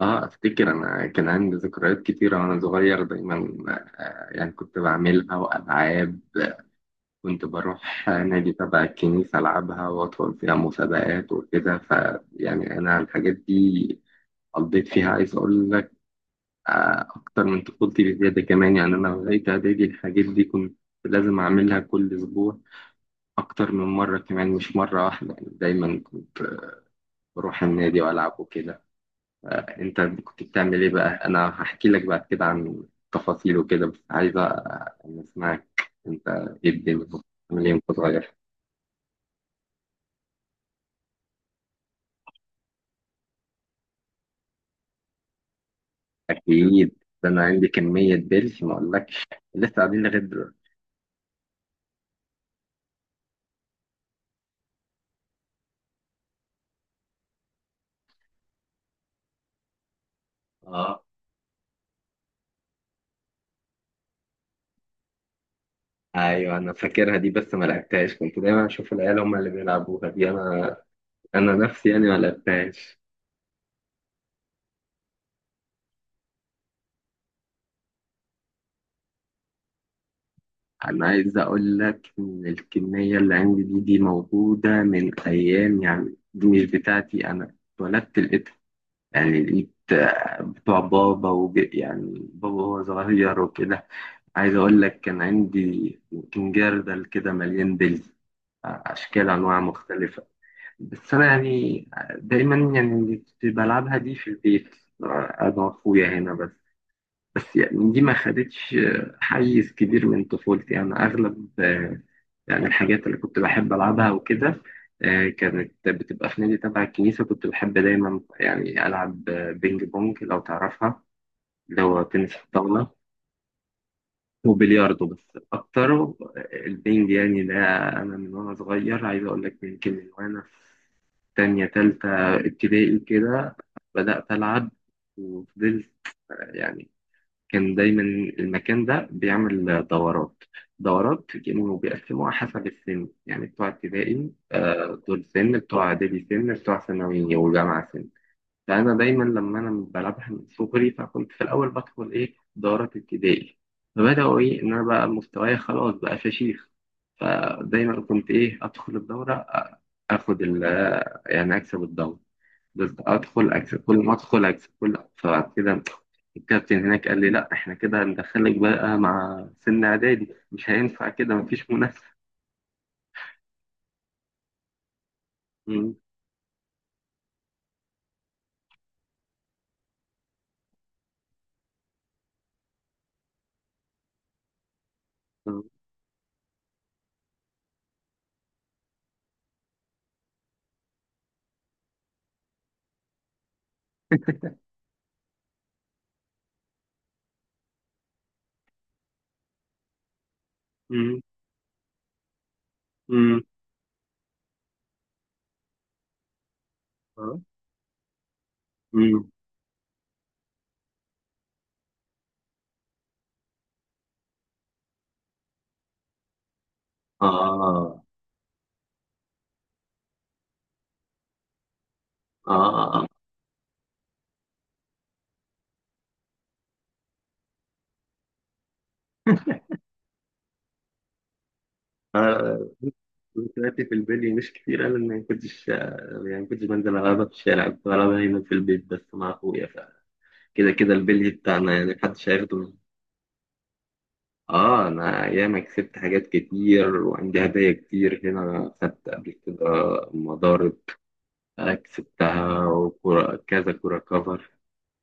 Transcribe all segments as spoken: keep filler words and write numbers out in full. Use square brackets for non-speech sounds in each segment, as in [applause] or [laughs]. اه افتكر انا كان عندي ذكريات كتيرة وانا صغير دايما. آه، يعني كنت بعملها والعاب. كنت بروح نادي تبع الكنيسة العبها وادخل فيها مسابقات وكده فيعني انا الحاجات دي قضيت فيها، عايز اقول لك، آه، اكتر من طفولتي بزيادة كمان. يعني انا لغاية اعدادي الحاجات دي كنت لازم اعملها كل اسبوع، اكتر من مرة كمان مش مرة واحدة. يعني دايما كنت بروح النادي والعب وكده. انت كنت بتعمل ايه بقى؟ انا هحكي لك بعد كده عن تفاصيل وكده بس عايز اسمعك انت. ايه الدنيا؟ كنت بتعمل ايه وانت صغير؟ اكيد. ده انا عندي كمية بلش ما اقولكش لسه قاعدين لغايه دلوقتي. اه، ايوه انا فاكرها دي بس ما لعبتهاش. كنت دايما اشوف العيال هم اللي بيلعبوها دي، انا انا نفسي يعني ما لعبتهاش. انا عايز اقول لك ان الكميه اللي عندي دي، دي موجوده من ايام. يعني دي مش بتاعتي، انا اتولدت يعني لقيت آه، بتوع بابا وج... يعني بابا وهو صغير وكده. عايز أقول لك كان عندي يمكن جردل كده مليان بلي، آه، أشكال أنواع مختلفة. بس أنا يعني، آه، دايما يعني كنت بلعبها دي في البيت، آه، أنا وأخويا هنا بس. بس يعني دي ما خدتش حيز كبير من طفولتي. يعني أغلب، آه، يعني الحاجات اللي كنت بحب ألعبها وكده، آه، كانت بتبقى في نادي تبع الكنيسة. كنت بحب دايما يعني ألعب آه، بينج بونج لو تعرفها، اللي هو تنس الطاولة، وبلياردو. بس أكتر، آه، البينج يعني ده. أنا من وأنا صغير، عايز أقول لك يمكن من وأنا في تانية تالتة ابتدائي كده بدأت ألعب وفضلت. يعني كان دايما المكان ده بيعمل دورات دورات كانوا بيقسموها حسب السن. يعني بتوع ابتدائي آه، دول سن، بتوع اعدادي سن، بتوع ثانوي وجامعه سن. فانا دايما لما انا بلعبها من صغري، فكنت في الاول بدخل ايه دورات ابتدائي. فبداوا ايه ان انا بقى مستواي خلاص بقى فشيخ. فدايما كنت ايه ادخل الدوره، اخد ال يعني اكسب الدوره، بس ادخل اكسب، كل ما ادخل اكسب، كل فبعد كده الكابتن هناك قال لي لا احنا كده هندخلك بقى مع سن اعدادي، مش هينفع كده مفيش منافسه. [laughs] مم. مم. مم. اه. مم. اه، اه، انا ذكرياتي في البلي مش كتير. انا ما كنتش يعني ما كنتش بنزل العبها في الشارع. كنت بلعبها هنا في البيت بس مع اخويا. فكده كده البلي بتاعنا، يعني محدش هياخده مني. اه، انا ايام كسبت حاجات كتير وعندي هدايا كتير هنا خدت قبل كده. مضارب، آه، كسبتها، وكرة كذا، كرة كفر.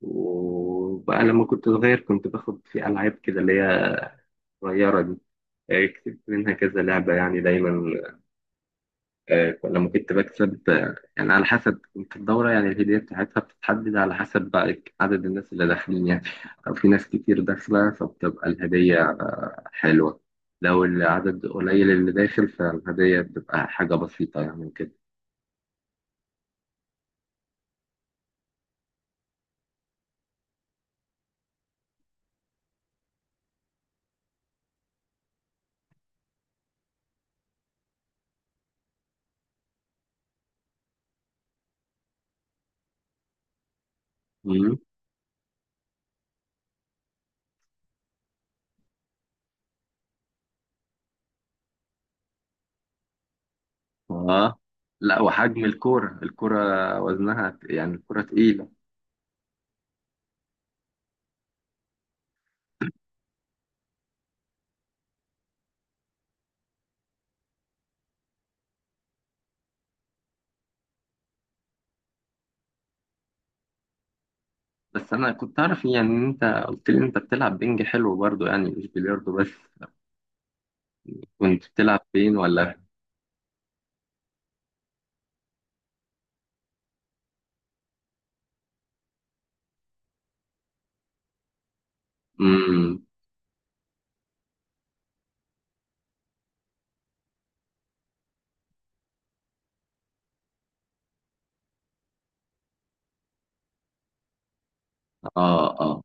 وبقى لما كنت صغير كنت باخد في ألعاب كده اللي هي صغيرة دي، آه، كسبت منها كذا لعبة. يعني دايما، آه، لما كنت بكسب، آه، يعني على حسب كنت الدورة. يعني الهدية بتاعتها بتتحدد على حسب بقى عدد الناس اللي داخلين. يعني لو في ناس كتير داخلة فبتبقى الهدية آه، حلوة. لو العدد قليل اللي داخل فالهدية بتبقى حاجة بسيطة يعني. كده. اه، لا، وحجم الكوره الكوره وزنها يعني، الكوره تقيله. بس انا كنت اعرف إيه، يعني ان انت قلت لي انت بتلعب بينج حلو برضو، يعني مش بلياردو بس. كنت بتلعب فين ولا؟ امم. اه، اه.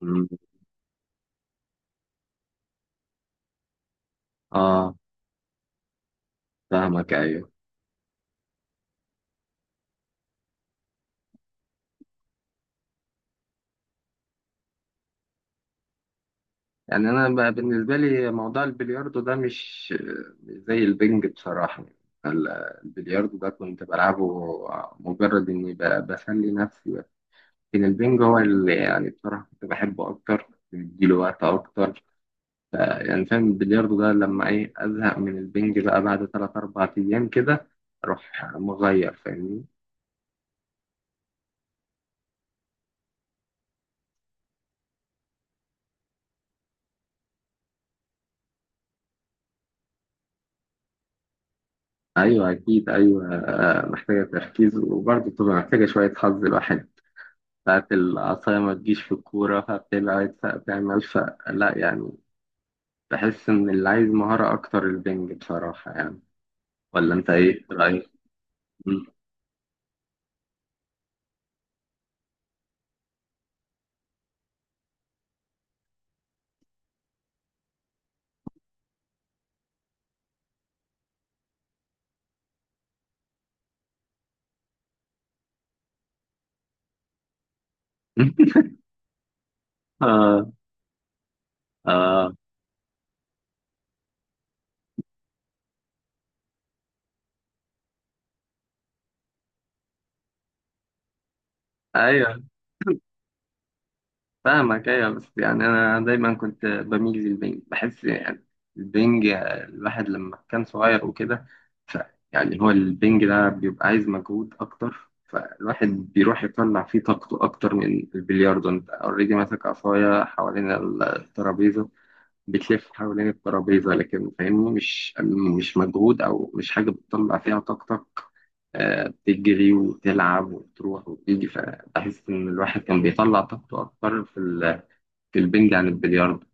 مم. اه، فاهمك ايوه. يعني انا ب- بالنسبه لي موضوع البلياردو ده مش مش زي البنج بصراحه. ال- البلياردو ده كنت بلعبه مجرد اني ب- بسلي نفسي. لكن البنج هو اللي يعني بصراحة كنت بحبه أكتر، بديله وقت أكتر يعني. فاهم؟ البلياردو ده لما إيه أزهق من البنج بقى بعد تلات أربع أيام كده أروح مغير فاهمني. أيوه أكيد. أيوه، آه، محتاجة تركيز وبرضه بتبقى محتاجة شوية حظ. الواحد ساعات العصاية ما تجيش في الكورة فبتبعد فبتعمل فلا يعني. بحس إن اللي عايز مهارة أكتر البنج بصراحة يعني. ولا أنت إيه رأيك؟ [laughs] آه. آه. أيوه فاهمك ايوه. بس يعني انا دايما كنت بميل للبنج. بحس يعني البنج الواحد لما كان صغير وكده، ف يعني هو البنج ده بيبقى عايز مجهود اكتر، فالواحد بيروح يطلع فيه طاقته اكتر من البلياردو. انت اوريدي ماسك عصايه حوالين الترابيزه، بتلف حوالين الترابيزه، لكن فاهمني مش مش مجهود او مش حاجه بتطلع فيها طاقتك. آه، بتجري وتلعب وتروح وتيجي، فبحس ان الواحد كان بيطلع طاقته اكتر في البنج عن البلياردو.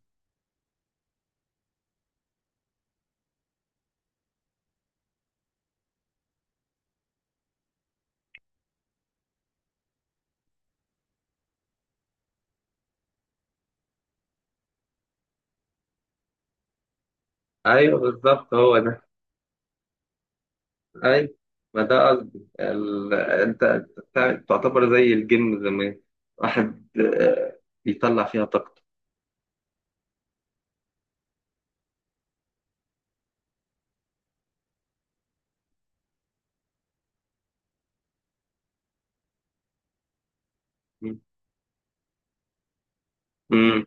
ايوه بالظبط هو ده. ايوه، ما ده قصدي. ال... انت أنت بتاع- تعتبر زي الجيم زمان، واحد آه، بيطلع فيها طاقته. امم.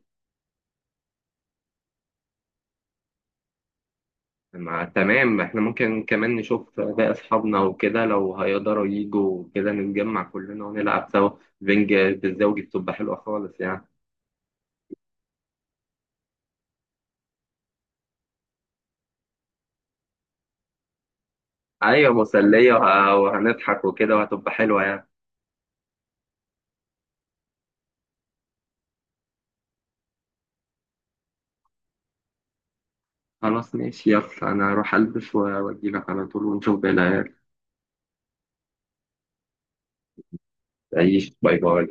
مع تمام، احنا ممكن كمان نشوف باقي اصحابنا وكده لو هيقدروا يجوا كده نتجمع كلنا ونلعب سوا. بنج بالزوجي بتبقى حلوه خالص يعني. ايوه مسليه، وه- وهنضحك وكده وهتبقى حلوه يعني. خلاص ماشي، يلا انا هروح البس واجيلك على طول ونشوف بقى. تعيش. باي باي.